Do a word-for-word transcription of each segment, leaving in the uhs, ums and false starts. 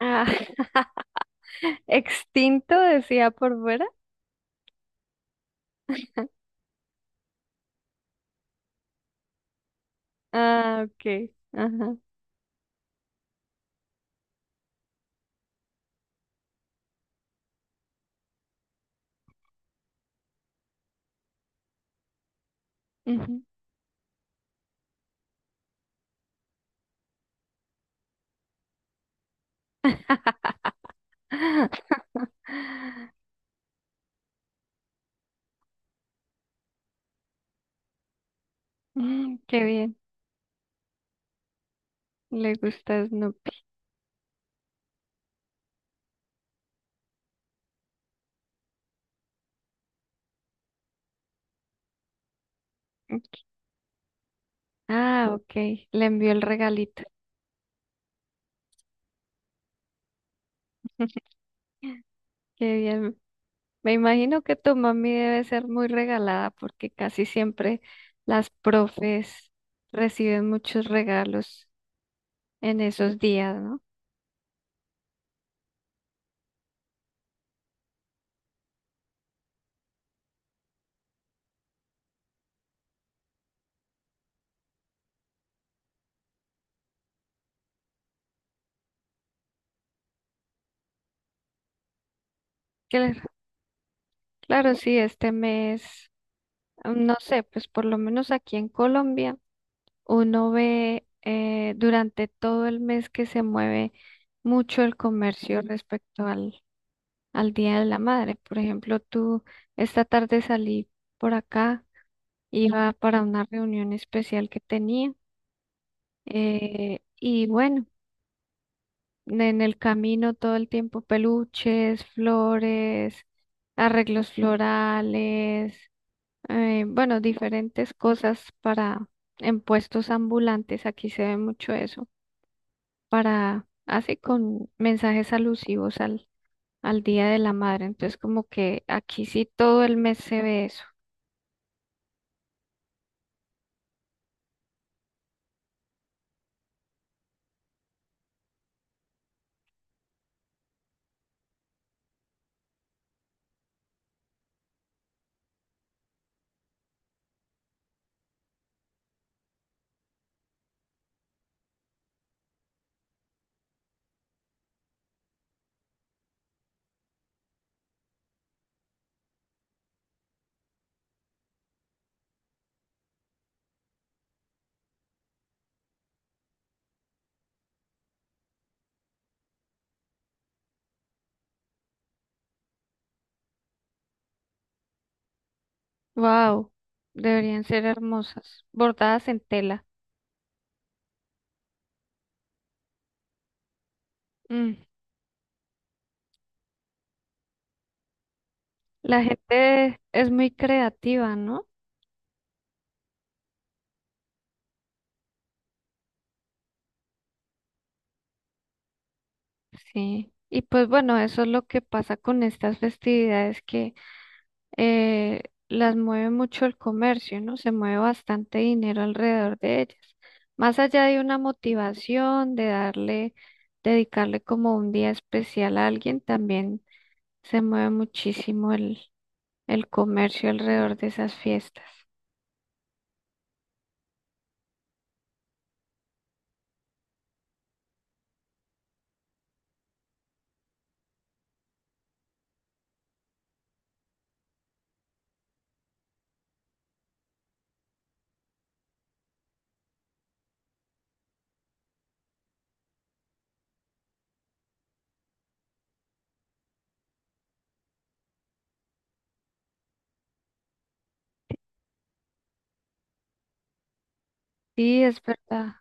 Ah, extinto decía por fuera. Ah, ok. Ajá. Ujú. Mm, qué bien. Le gusta Snoopy. Ah, ok. Le envió el regalito. Qué bien. Me imagino que tu mami debe ser muy regalada porque casi siempre las profes reciben muchos regalos en esos días, ¿no? Claro, claro, sí, este mes, no sé, pues por lo menos aquí en Colombia. Uno ve eh, durante todo el mes que se mueve mucho el comercio respecto al, al Día de la Madre. Por ejemplo, tú esta tarde salí por acá, iba para una reunión especial que tenía eh, y bueno, en el camino todo el tiempo peluches, flores, arreglos florales, eh, bueno, diferentes cosas para en puestos ambulantes. Aquí se ve mucho eso. Para, hace con mensajes alusivos al, al Día de la Madre. Entonces, como que aquí sí todo el mes se ve eso. Wow, deberían ser hermosas, bordadas en tela. Mm. La gente es muy creativa, ¿no? Sí. Y pues bueno, eso es lo que pasa con estas festividades que eh, las mueve mucho el comercio, ¿no? Se mueve bastante dinero alrededor de ellas. Más allá de una motivación, de darle, dedicarle como un día especial a alguien, también se mueve muchísimo el, el comercio alrededor de esas fiestas. Sí, es verdad,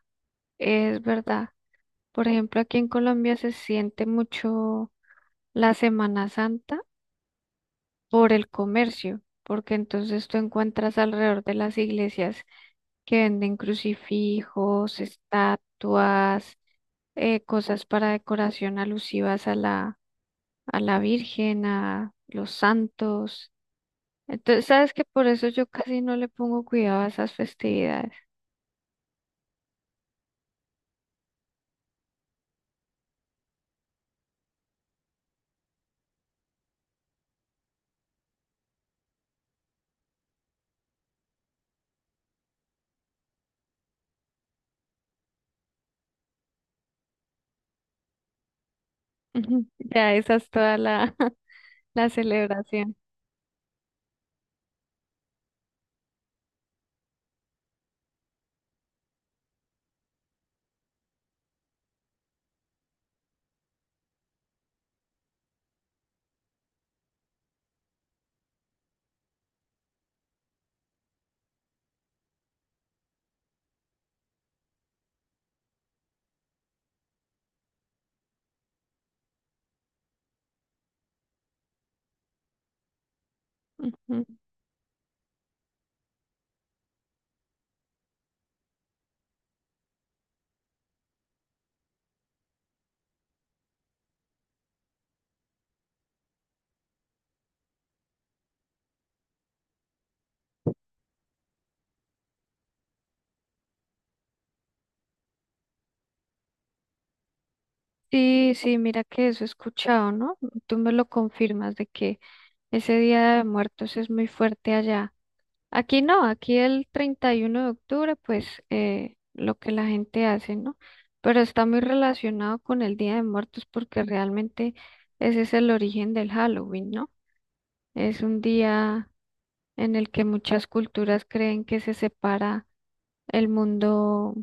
es verdad. Por ejemplo, aquí en Colombia se siente mucho la Semana Santa por el comercio, porque entonces tú encuentras alrededor de las iglesias que venden crucifijos, estatuas, eh, cosas para decoración alusivas a la, a la Virgen, a los santos. Entonces, sabes que por eso yo casi no le pongo cuidado a esas festividades. Ujú. Ya esa es toda la, la celebración. Ujú. Sí, sí, mira que eso he escuchado, ¿no? Tú me lo confirmas de que ese Día de Muertos es muy fuerte allá. Aquí no, aquí el treinta y uno de octubre, pues eh, lo que la gente hace, ¿no? Pero está muy relacionado con el Día de Muertos porque realmente ese es el origen del Halloween, ¿no? Es un día en el que muchas culturas creen que se separa el mundo,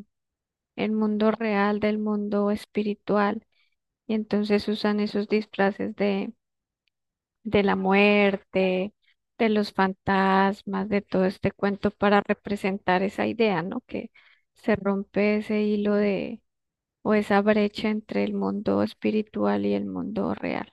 el mundo real del mundo espiritual y entonces usan esos disfraces de de la muerte, de los fantasmas, de todo este cuento para representar esa idea, ¿no? Que se rompe ese hilo de, o esa brecha entre el mundo espiritual y el mundo real.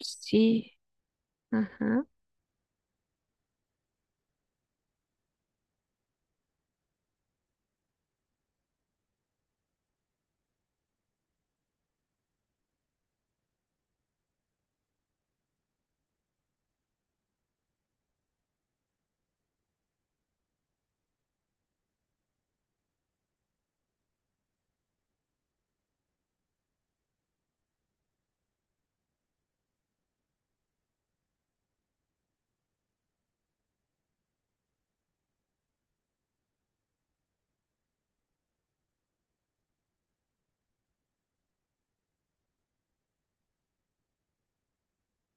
Sí, ajá,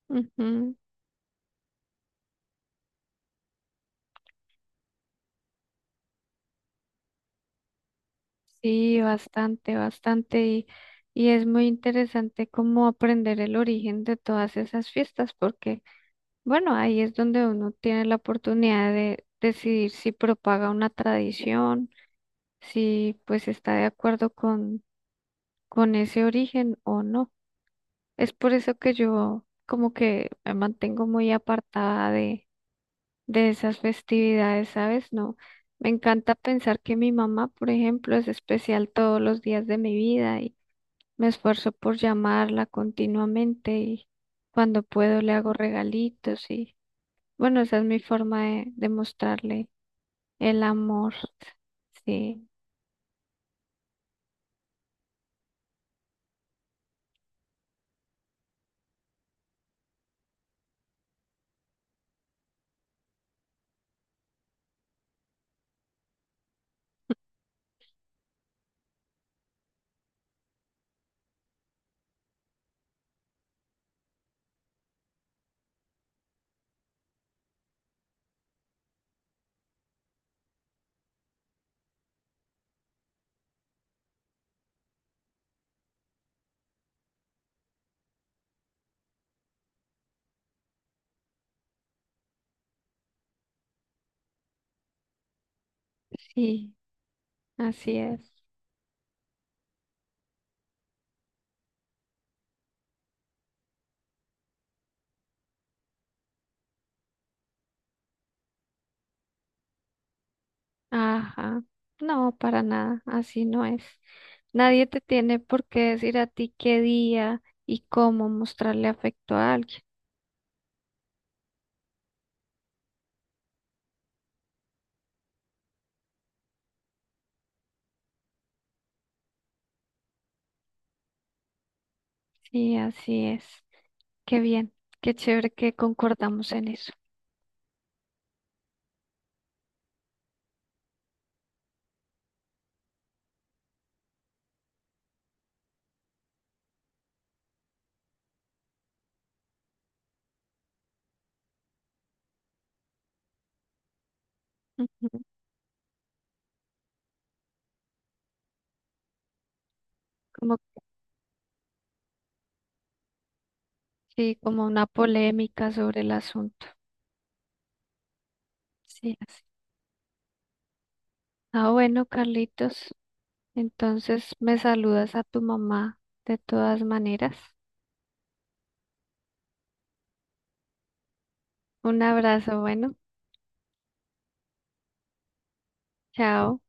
ujú. Sí, bastante, bastante. Y, y es muy interesante cómo aprender el origen de todas esas fiestas, porque, bueno, ahí es donde uno tiene la oportunidad de decidir si propaga una tradición si pues está de acuerdo con, con ese origen o no. Es por eso que yo como que me mantengo muy apartada de, de esas festividades, ¿sabes? No, me encanta pensar que mi mamá, por ejemplo, es especial todos los días de mi vida y me esfuerzo por llamarla continuamente y cuando puedo le hago regalitos y bueno, esa es mi forma de, de mostrarle el amor. Sí, sí, así es. Ajá, no, para nada, así no es. Nadie te tiene por qué decir a ti qué día y cómo mostrarle afecto a alguien. Sí, así es. Qué bien, qué chévere que concordamos en eso. Ujú. Como, sí, como una polémica sobre el asunto. Sí, así. Ah, bueno, Carlitos, entonces me saludas a tu mamá de todas maneras. Un abrazo, bueno, chao.